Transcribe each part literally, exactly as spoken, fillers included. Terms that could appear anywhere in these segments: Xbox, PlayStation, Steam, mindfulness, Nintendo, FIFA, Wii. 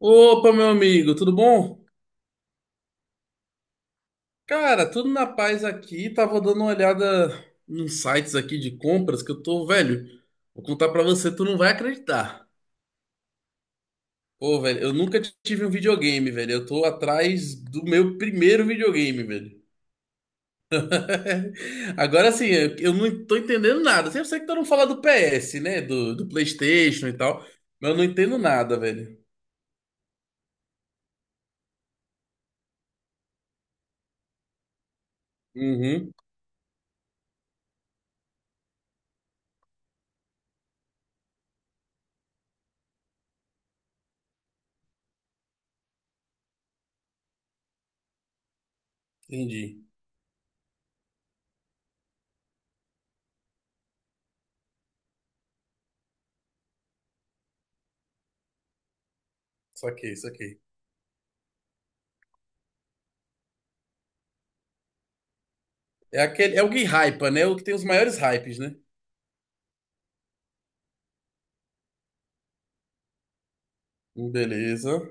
Opa, meu amigo, tudo bom? Cara, tudo na paz aqui. Tava dando uma olhada nos sites aqui de compras que eu tô, velho. Vou contar pra você, tu não vai acreditar. Pô, velho, eu nunca tive um videogame, velho. Eu tô atrás do meu primeiro videogame, velho. Agora assim, eu eu não tô entendendo nada. Eu sei que tu não fala do P S, né? Do, do PlayStation e tal. Mas eu não entendo nada, velho. Uhum, entendi. Saquei, saquei. É aquele, é o que hypa, né? O que tem os maiores hypes, né? Beleza.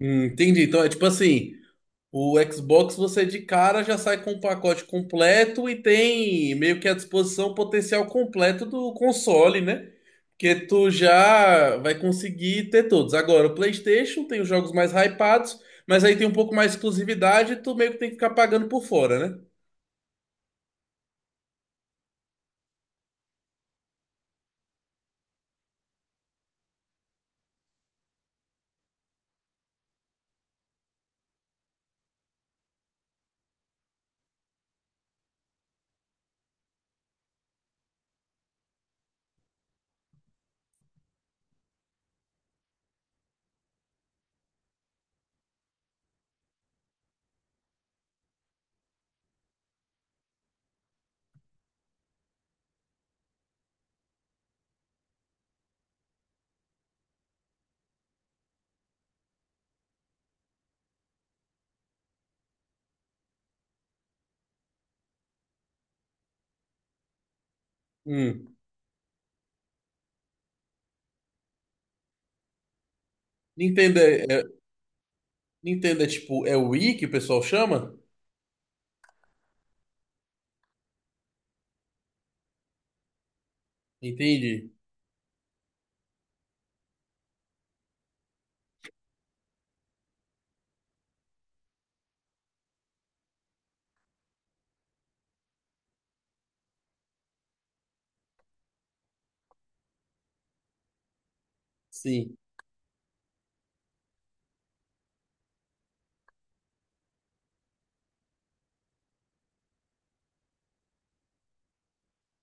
Hum, entendi. Então é tipo assim, o Xbox você de cara já sai com o pacote completo e tem meio que a disposição o potencial completo do console, né? Porque tu já vai conseguir ter todos. Agora, o PlayStation tem os jogos mais hypados, mas aí tem um pouco mais de exclusividade e tu meio que tem que ficar pagando por fora, né? Hum. Nintendo é, é- Nintendo é tipo, é o Wii que o pessoal chama? Entendi. Sim.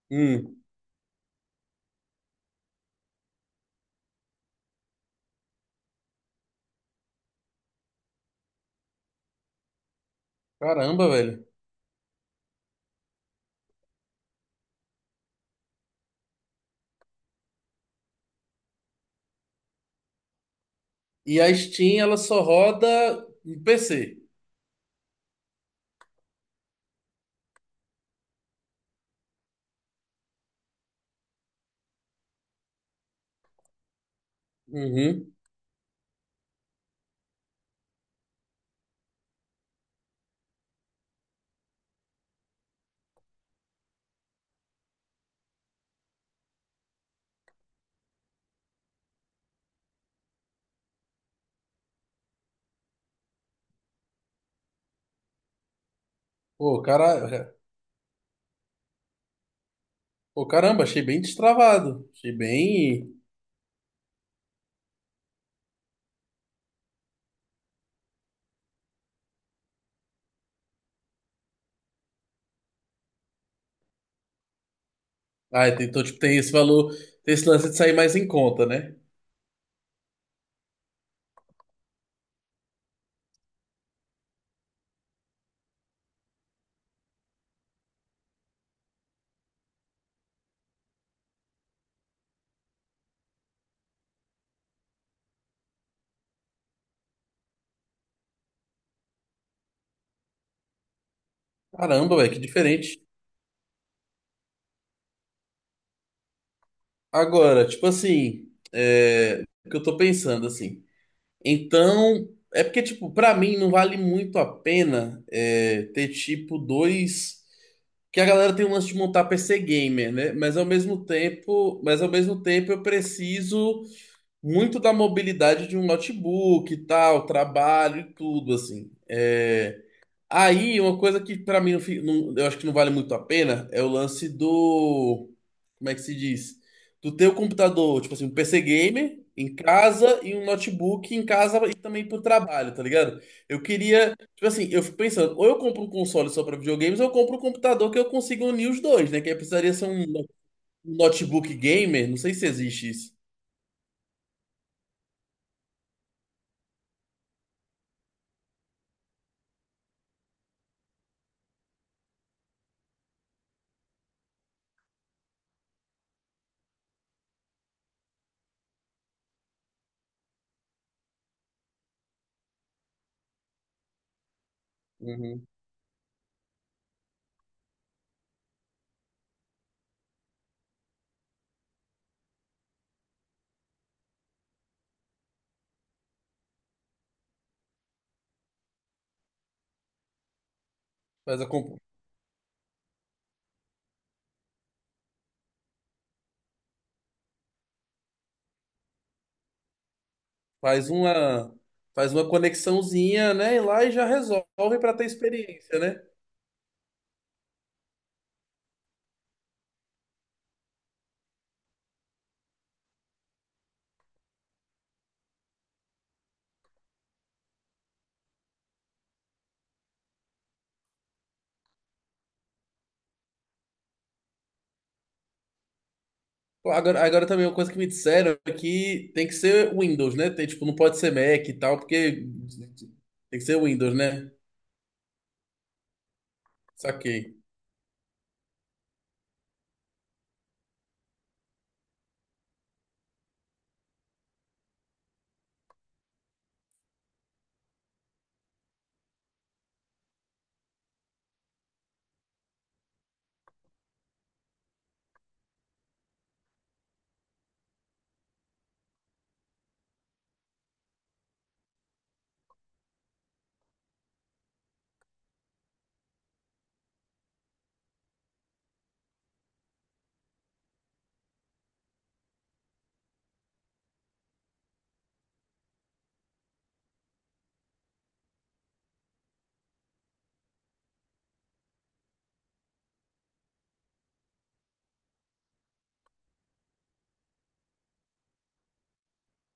Hum. Caramba, velho. E a Steam, ela só roda em P C. Uhum. Pô, cara. Pô, caramba, achei bem destravado. Achei bem. Ah, tem- então, tipo, tem esse valor. Tem esse lance de sair mais em conta, né? Caramba, velho, que diferente. Agora, tipo assim. É. O que eu tô pensando, assim. Então. É porque, tipo, pra mim não vale muito a pena é, ter, tipo, dois. Que a galera tem um lance de montar P C gamer, né? Mas ao mesmo tempo, mas ao mesmo tempo eu preciso muito da mobilidade de um notebook e tal, trabalho e tudo, assim. É, aí, uma coisa que pra mim não, fi- não- eu acho que não vale muito a pena é o lance do. Como é que se diz? Do teu computador, tipo assim, um P C gamer em casa e um notebook em casa e também pro trabalho, tá ligado? Eu queria, tipo assim, eu fico pensando, ou eu compro um console só pra videogames, ou eu compro um computador que eu consiga unir os dois, né? Que aí precisaria ser um, no- um notebook gamer, não sei se existe isso. Uhum. Faz a, faz uma, faz uma conexãozinha, né? E lá e já resolve para ter experiência, né? Pô, Agora, agora também uma coisa que me disseram é que tem que ser Windows, né? Tem, tipo, não pode ser Mac e tal, porque tem que ser Windows, né? Saquei.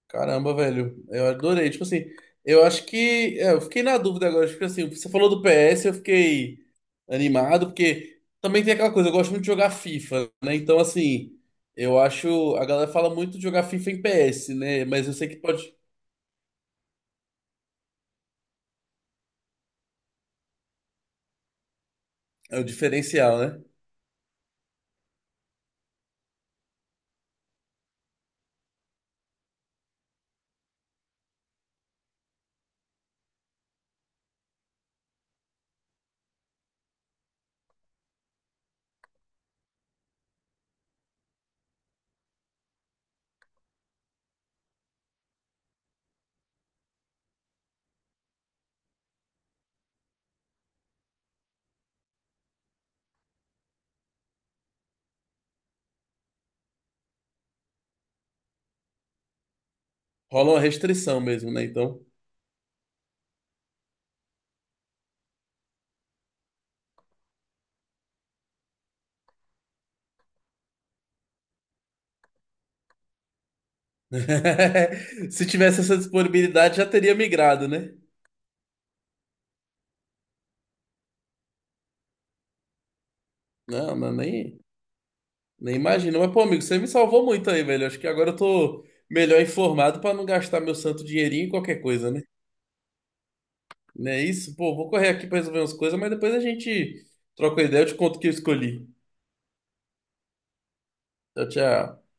Caramba, velho, eu adorei. Tipo assim, eu acho que é, eu fiquei na dúvida agora. Tipo assim, você falou do P S, eu fiquei animado, porque também tem aquela coisa, eu gosto muito de jogar FIFA, né? Então, assim, eu acho. A galera fala muito de jogar FIFA em P S, né? Mas eu sei que pode. É o diferencial, né? Rola uma restrição mesmo, né? Então. Se tivesse essa disponibilidade, já teria migrado, né? Não, não, nem. Nem imagino. Mas, pô, amigo, você me salvou muito aí, velho. Acho que agora eu tô melhor informado pra não gastar meu santo dinheirinho em qualquer coisa, né? Não é isso? Pô, vou correr aqui pra resolver umas coisas, mas depois a gente troca uma ideia, eu te conto o que eu escolhi. Tchau, tchau.